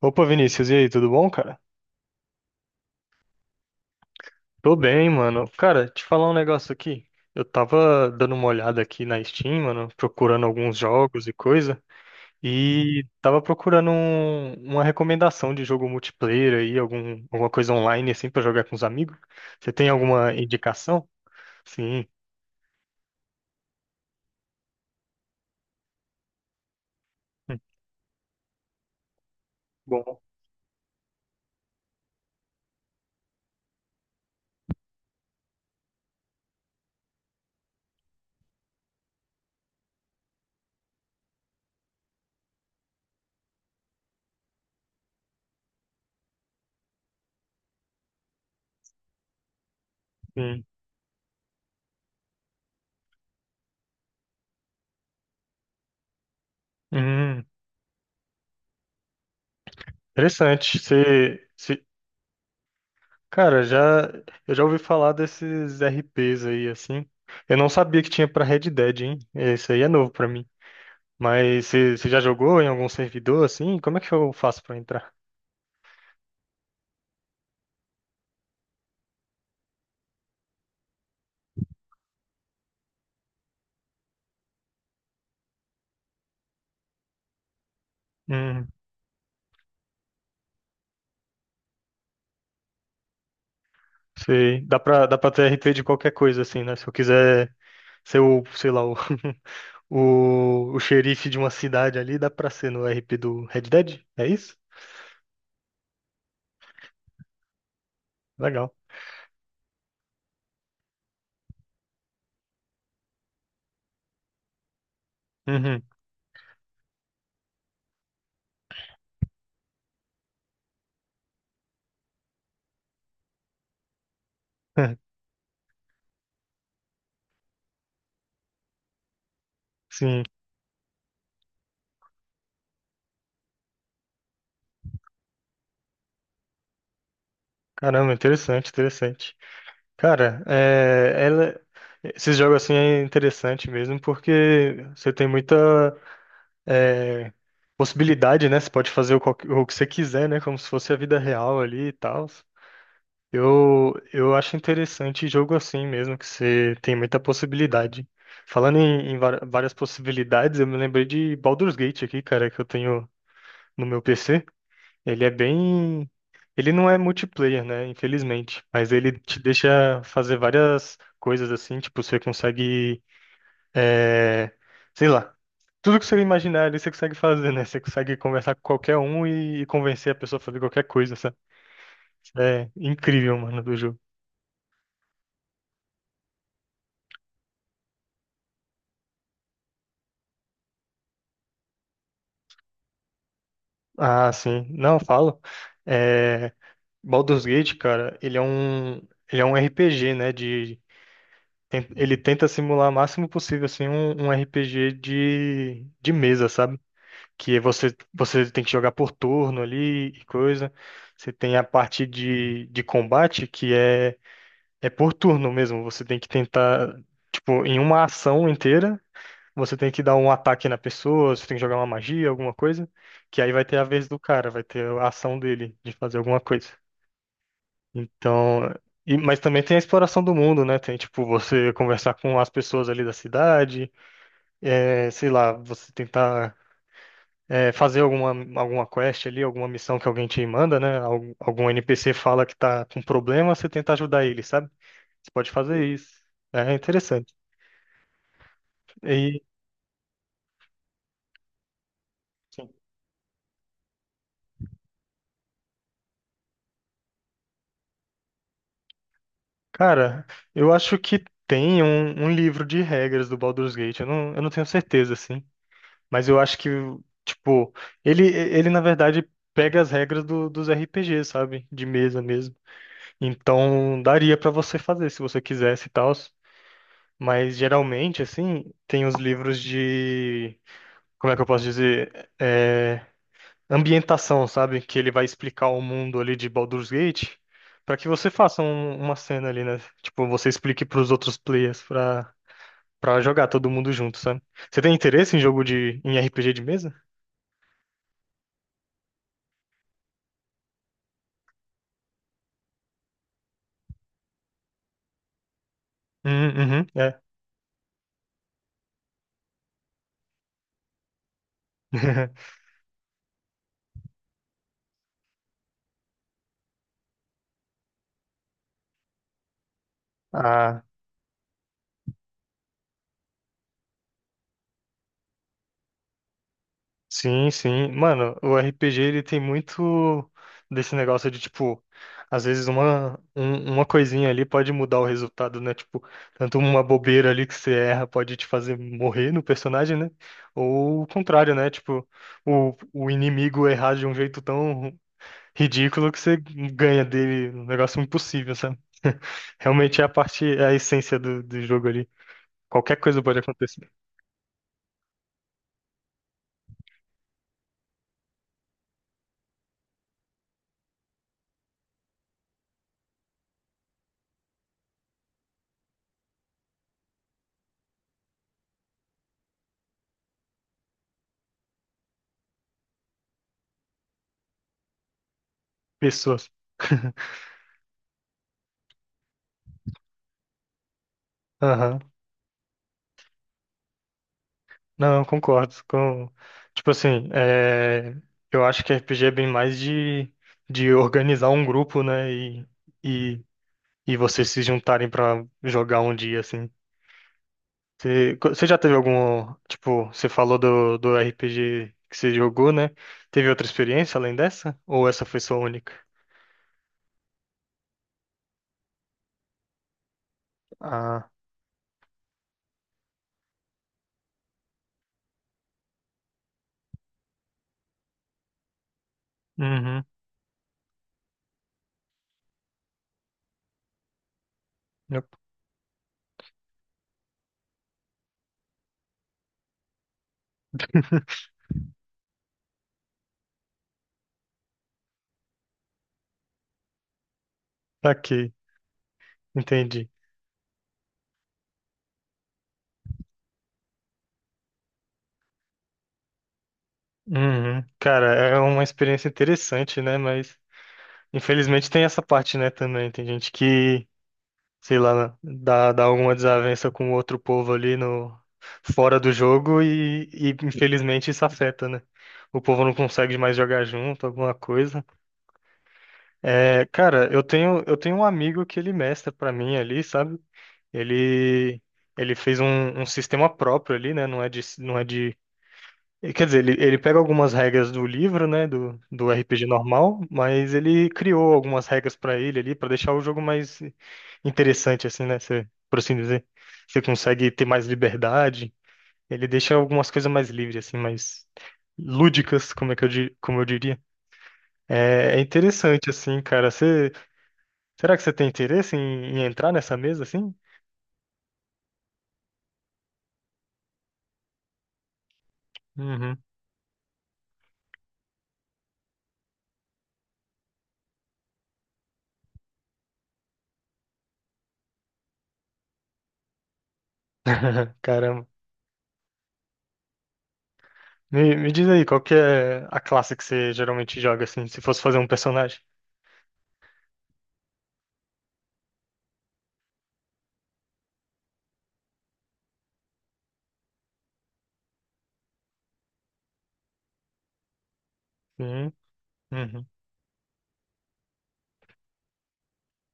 Opa, Vinícius, e aí, tudo bom, cara? Tô bem, mano. Cara, te falar um negócio aqui. Eu tava dando uma olhada aqui na Steam, mano, procurando alguns jogos e coisa, e tava procurando uma recomendação de jogo multiplayer aí, alguma coisa online assim pra jogar com os amigos. Você tem alguma indicação? Sim. Hum. Bom, sim. Hum, interessante. Você, cara, já eu já ouvi falar desses RPs aí assim. Eu não sabia que tinha pra Red Dead, hein? Isso aí é novo pra mim. Mas você já jogou em algum servidor assim? Como é que eu faço pra entrar? Hum, sei. Dá para ter RP de qualquer coisa assim, né? Se eu quiser ser o, sei lá, o, o xerife de uma cidade ali, dá pra ser no RP do Red Dead? É isso? Legal. Uhum. Sim. Caramba, interessante, interessante. Cara, esses jogos assim é interessante mesmo porque você tem muita é, possibilidade, né? Você pode fazer o que você quiser, né? Como se fosse a vida real ali e tal. Eu acho interessante jogo assim mesmo, que você tem muita possibilidade. Falando em várias possibilidades, eu me lembrei de Baldur's Gate aqui, cara, que eu tenho no meu PC. Ele é bem. Ele não é multiplayer, né? Infelizmente. Mas ele te deixa fazer várias coisas assim. Tipo, você consegue. é, Sei lá. Tudo que você imaginar ali, você consegue fazer, né? Você consegue conversar com qualquer um e convencer a pessoa a fazer qualquer coisa, sabe? É incrível, mano, do jogo. Ah, sim. Não, eu falo. É... Baldur's Gate, cara, ele é um. Ele é um RPG, né? De. Ele tenta simular o máximo possível, assim, um RPG de mesa, sabe? Que é você tem que jogar por turno ali e coisa. Você tem a parte de combate que é, é por turno mesmo. Você tem que tentar, tipo, em uma ação inteira, você tem que dar um ataque na pessoa, você tem que jogar uma magia, alguma coisa, que aí vai ter a vez do cara, vai ter a ação dele de fazer alguma coisa. Então, mas também tem a exploração do mundo, né? Tem, tipo, você conversar com as pessoas ali da cidade, é, sei lá, você tentar fazer alguma, alguma quest ali, alguma missão que alguém te manda, né? Algum NPC fala que tá com problema, você tenta ajudar ele, sabe? Você pode fazer isso. É interessante. E, cara, eu acho que tem um livro de regras do Baldur's Gate. Eu não tenho certeza, assim. Mas eu acho que, tipo, ele na verdade. Pega as regras dos RPGs, sabe? De mesa mesmo. Então, daria pra você fazer se você quisesse e tal. Mas geralmente, assim, tem os livros de, como é que eu posso dizer? É, ambientação, sabe? Que ele vai explicar o mundo ali de Baldur's Gate para que você faça uma cena ali, né? Tipo, você explique para os outros players pra, pra jogar todo mundo junto, sabe? Você tem interesse em jogo de, em RPG de mesa? Hum. Uhum, é. Ah, sim, sim. Mano, o RPG ele tem muito desse negócio de tipo, às vezes uma coisinha ali pode mudar o resultado, né? Tipo, tanto uma bobeira ali que você erra pode te fazer morrer no personagem, né? Ou o contrário, né? Tipo, o inimigo errar de um jeito tão ridículo que você ganha dele um negócio impossível, sabe? Realmente é a parte, é a essência do jogo ali. Qualquer coisa pode acontecer. Pessoas. Não, eu concordo com... Tipo assim, é, eu acho que RPG é bem mais de organizar um grupo, né? E, e vocês se juntarem pra jogar um dia, assim. Você já teve algum... Tipo, você falou do RPG que você jogou, né? Teve outra experiência além dessa? Ou essa foi sua única? Ah, uhum. eu- Aqui, entendi. Uhum. Cara, é uma experiência interessante, né? Mas... Infelizmente tem essa parte, né, também. Tem gente que sei lá, dá alguma desavença com outro povo ali no fora do jogo e infelizmente isso afeta, né? O povo não consegue mais jogar junto, alguma coisa. É, cara, eu tenho um amigo que ele mestra pra mim ali, sabe? Ele ele fez um sistema próprio ali, né? Não é de e, quer dizer, ele pega algumas regras do livro, né, do RPG normal, mas ele criou algumas regras pra ele ali, pra deixar o jogo mais interessante, assim, né, você, por assim dizer. Você consegue ter mais liberdade, ele deixa algumas coisas mais livres, assim, mais lúdicas, como é que eu, como eu diria. É, é interessante, assim, cara. Você, será que você tem interesse em entrar nessa mesa, assim? Uhum. Caramba. Me diz aí, qual que é a classe que você geralmente joga, assim, se fosse fazer um personagem? Sim. Uhum.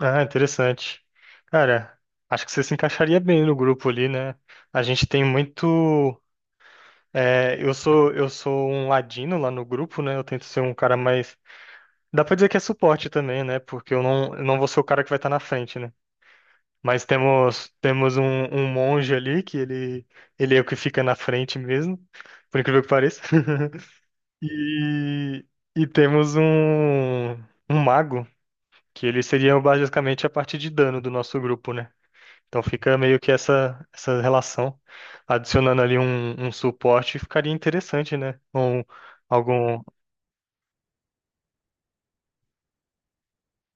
Ah, interessante. Cara, acho que você se encaixaria bem no grupo ali, né? A gente tem muito. É, eu sou um ladino lá no grupo, né? Eu tento ser um cara mais. Dá pra dizer que é suporte também, né? Porque eu não vou ser o cara que vai estar na frente, né? Mas temos um monge ali que ele é o que fica na frente mesmo, por incrível que pareça. E, e temos um um mago. Que eles seriam basicamente a parte de dano do nosso grupo, né? Então fica meio que essa relação. Adicionando ali um suporte ficaria interessante, né? Um, algum.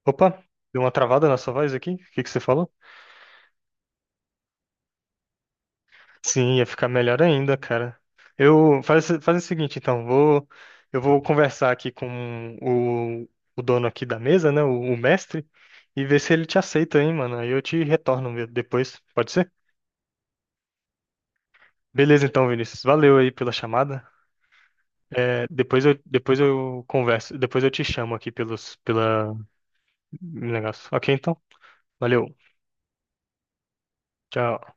Opa, deu uma travada na sua voz aqui? O que que você falou? Sim, ia ficar melhor ainda, cara. Faz o seguinte, então, vou eu vou conversar aqui com o dono aqui da mesa, né? O mestre, e ver se ele te aceita, hein, mano. Aí eu te retorno depois, pode ser? Beleza, então, Vinícius. Valeu aí pela chamada. É, depois eu converso, depois eu te chamo aqui pelos, pela negócio. Ok, então. Valeu. Tchau.